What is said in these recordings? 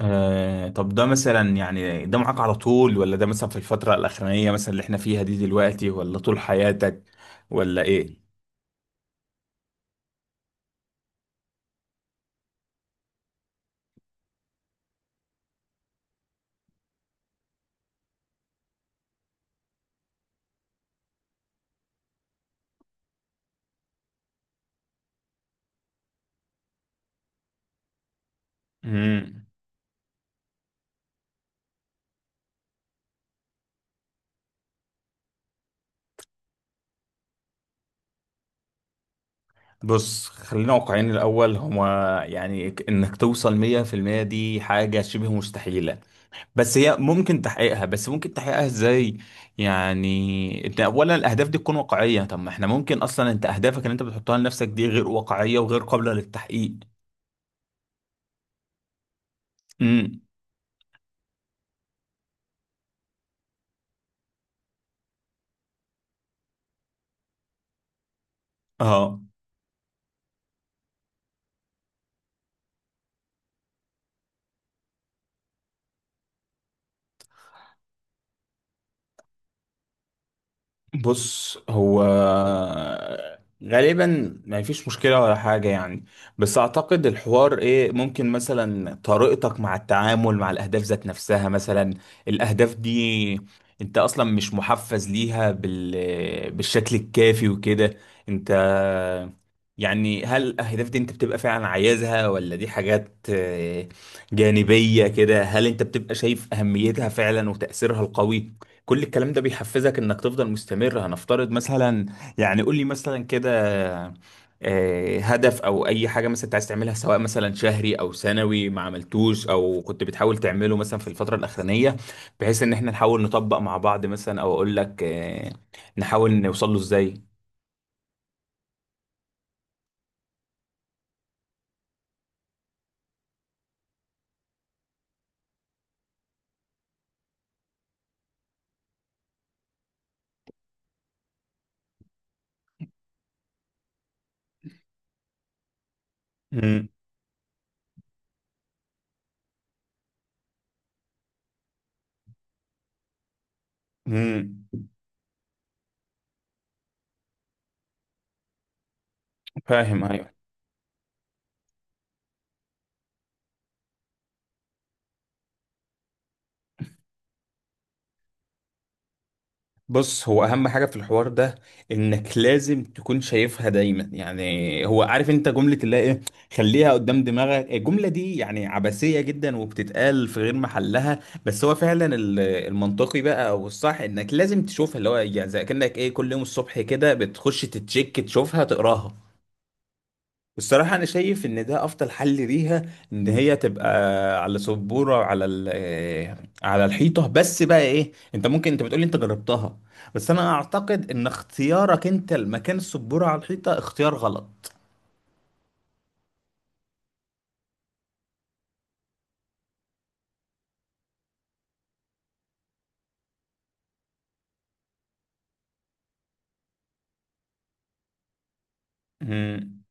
طب ده مثلا ده معاك على طول، ولا ده مثلا في الفترة الأخرانية مثلا اللي احنا فيها دي دلوقتي، ولا طول حياتك ولا ايه؟ مم. بص خلينا واقعيين الأول. هما يعني إنك توصل 100% دي حاجة شبه مستحيلة، بس هي ممكن تحقيقها. بس ممكن تحقيقها إزاي؟ يعني أنت أولا الأهداف دي تكون واقعية. طب ما احنا ممكن أصلا أنت أهدافك اللي أنت بتحطها لنفسك دي غير واقعية وغير قابلة للتحقيق. امم. اه. بص، هو غالبا ما فيش مشكلة ولا حاجة يعني، بس أعتقد الحوار إيه، ممكن مثلا طريقتك مع التعامل مع الأهداف ذات نفسها. مثلا الأهداف دي أنت أصلا مش محفز ليها بال... بالشكل الكافي وكده. أنت يعني هل الأهداف دي أنت بتبقى فعلا عايزها، ولا دي حاجات جانبية كده؟ هل أنت بتبقى شايف أهميتها فعلا وتأثيرها القوي؟ كل الكلام ده بيحفزك انك تفضل مستمر. هنفترض مثلا، يعني قول لي مثلا كده هدف او اي حاجه مثلا انت عايز تعملها، سواء مثلا شهري او سنوي، ما عملتوش او كنت بتحاول تعمله مثلا في الفتره الاخرانيه، بحيث ان احنا نحاول نطبق مع بعض مثلا، او اقول لك نحاول نوصل له ازاي. امم. امم. فاهم، ايوه. بص، هو اهم حاجه في الحوار ده انك لازم تكون شايفها دايما. يعني هو عارف انت جمله اللي هي ايه، خليها قدام دماغك. الجمله دي يعني عبثيه جدا وبتتقال في غير محلها، بس هو فعلا المنطقي بقى او الصح انك لازم تشوفها، اللي هو يعني زي كانك ايه، كل يوم الصبح كده بتخش تتشيك، تشوفها، تقراها. الصراحة أنا شايف إن ده أفضل حل ليها، إن هي تبقى على سبورة، على على الحيطة. بس بقى إيه، أنت ممكن أنت بتقولي أنت جربتها، بس أنا أعتقد إن اختيارك أنت لمكان السبورة على الحيطة اختيار غلط. مم.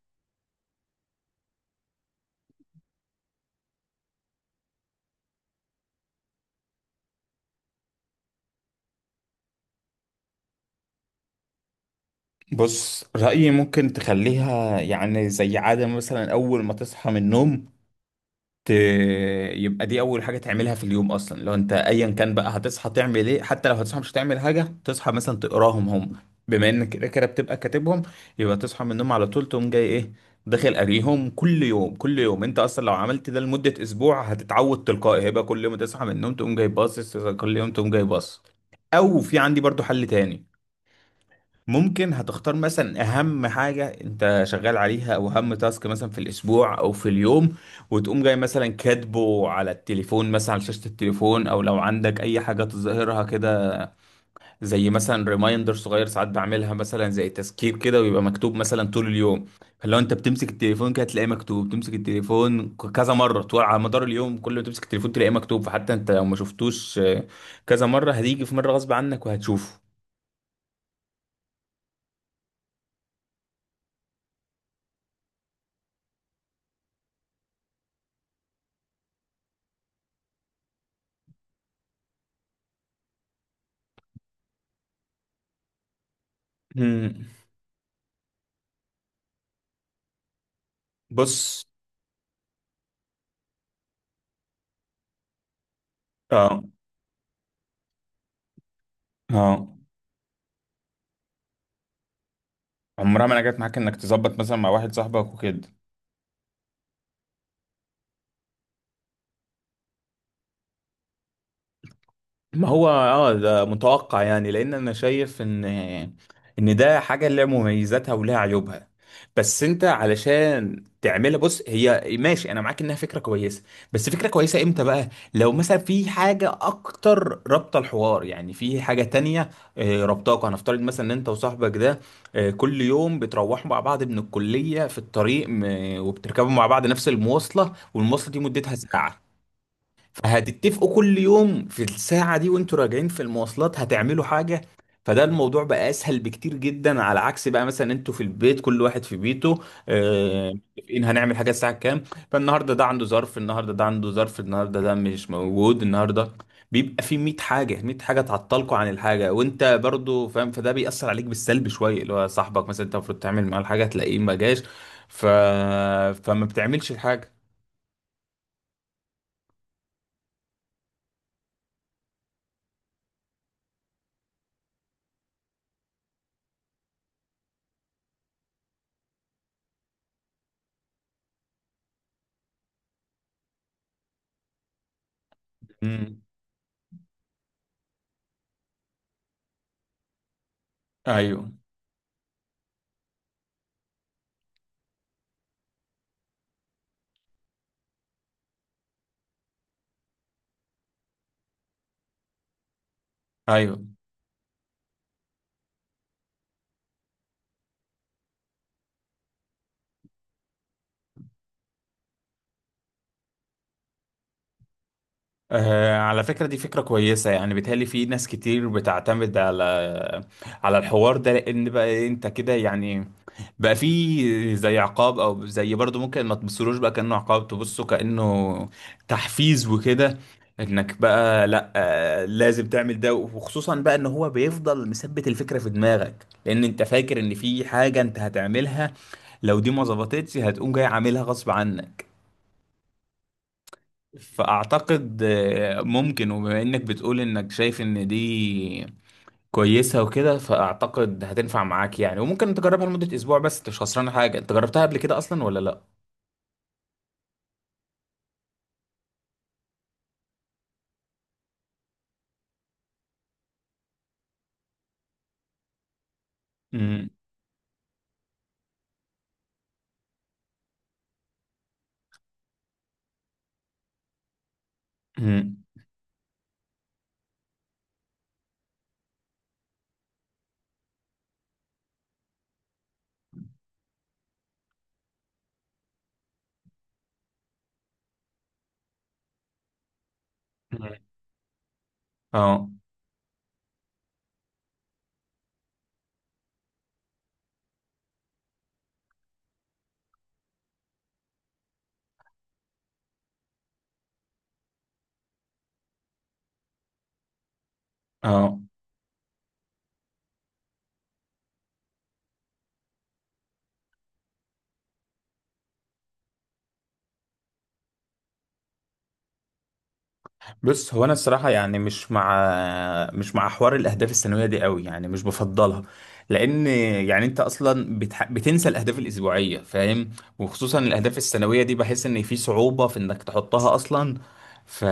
بص رأيي ممكن تخليها يعني زي عادة، مثلا أول ما تصحى من النوم ت... يبقى دي اول حاجه تعملها في اليوم اصلا. لو انت ايا كان بقى هتصحى تعمل ايه، حتى لو هتصحى مش هتعمل حاجه، تصحى مثلا تقراهم هم، بما انك كده كده بتبقى كاتبهم. يبقى تصحى من النوم على طول تقوم جاي ايه، داخل قاريهم كل يوم كل يوم. انت اصلا لو عملت ده لمده اسبوع هتتعود تلقائي، هيبقى كل يوم تصحى من النوم تقوم جاي باصص، كل يوم تقوم جاي باصص. او في عندي برضو حل تاني. ممكن هتختار مثلا اهم حاجة انت شغال عليها، او اهم تاسك مثلا في الاسبوع او في اليوم، وتقوم جاي مثلا كاتبه على التليفون، مثلا على شاشة التليفون او لو عندك اي حاجة تظهرها كده، زي مثلا ريمايندر صغير. ساعات بعملها مثلا، زي تذكير كده، ويبقى مكتوب مثلا طول اليوم. فلو انت بتمسك التليفون كده تلاقيه مكتوب، تمسك التليفون كذا مرة طول على مدار اليوم، كل ما تمسك التليفون تلاقيه مكتوب، فحتى انت لو ما شفتوش كذا مرة هتيجي في مرة غصب عنك وهتشوفه. مم. بص. اه. اه. عمرها ما انا جت معاك انك تظبط مثلا مع واحد صاحبك وكده. ما هو اه ده متوقع يعني، لان انا شايف ان ده حاجه لها مميزاتها ولها عيوبها، بس انت علشان تعملها، بص، هي ماشي انا معاك انها فكره كويسه، بس فكره كويسه امتى بقى؟ لو مثلا في حاجه اكتر رابطه الحوار، يعني في حاجه تانية رابطاكوا. هنفترض مثلا ان انت وصاحبك ده كل يوم بتروحوا مع بعض من الكليه في الطريق وبتركبوا مع بعض نفس المواصله، والمواصله دي مدتها ساعه. هتتفقوا كل يوم في الساعة دي وانتوا راجعين في المواصلات هتعملوا حاجة، فده الموضوع بقى اسهل بكتير جدا، على عكس بقى مثلا انتوا في البيت كل واحد في بيته متفقين هنعمل حاجة الساعة كام. فالنهاردة ده عنده ظرف، النهاردة ده عنده ظرف، النهاردة ده مش موجود، النهاردة بيبقى في 100 حاجة، 100 حاجة تعطلكوا عن الحاجة، وانت برضو فاهم، فده بيأثر عليك بالسلب شوية. اللي هو صاحبك مثلا انت المفروض تعمل معاه الحاجة تلاقيه ما جاش، ف... فما بتعملش الحاجة. مم. ايوه، ايوه. على فكرة دي فكرة كويسة، يعني بيتهيألي في ناس كتير بتعتمد على، على الحوار ده، لأن بقى إيه، أنت كده يعني بقى في زي عقاب، أو زي برضو ممكن ما تبصلوش بقى كأنه عقاب، تبصه كأنه تحفيز وكده. إنك بقى لأ لازم تعمل ده، وخصوصا بقى إن هو بيفضل مثبت الفكرة في دماغك، لأن أنت فاكر إن في حاجة أنت هتعملها، لو دي ما ظبطتش هتقوم جاي عاملها غصب عنك. فأعتقد ممكن، وبما إنك بتقول إنك شايف إن دي كويسة وكده، فأعتقد هتنفع معاك يعني، وممكن تجربها لمدة أسبوع. بس أنت مش خسران حاجة، أنت جربتها قبل كده أصلا ولا لأ؟ مم. مم. مم. اه. اه. بص، هو انا الصراحه يعني مش مع، مش مع حوار الاهداف السنويه دي قوي، يعني مش بفضلها، لان يعني انت اصلا بتنسى الاهداف الاسبوعيه، فاهم، وخصوصا الاهداف السنويه دي بحس ان في صعوبه في انك تحطها اصلا. ف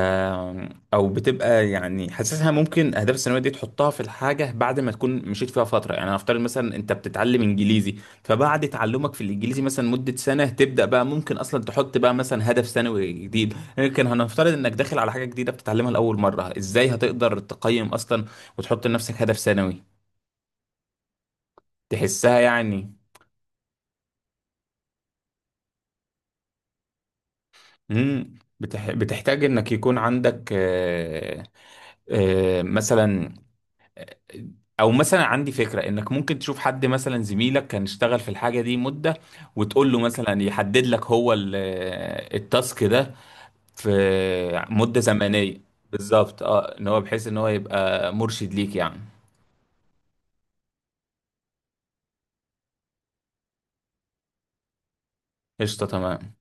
او بتبقى يعني حاسسها، ممكن الاهداف السنويه دي تحطها في الحاجه بعد ما تكون مشيت فيها فتره. يعني هنفترض مثلا انت بتتعلم انجليزي، فبعد تعلمك في الانجليزي مثلا مده سنه تبدا بقى ممكن اصلا تحط بقى مثلا هدف سنوي جديد. لكن هنفترض انك داخل على حاجه جديده بتتعلمها لاول مره، ازاي هتقدر تقيم اصلا وتحط لنفسك هدف سنوي؟ تحسها يعني. امم. بتحتاج انك يكون عندك مثلا، او مثلا عندي فكره انك ممكن تشوف حد مثلا زميلك كان اشتغل في الحاجه دي مده، وتقول له مثلا يحدد لك هو التاسك ده في مده زمنيه. بالظبط، اه، ان هو بحيث ان هو يبقى مرشد ليك يعني. قشطه تمام.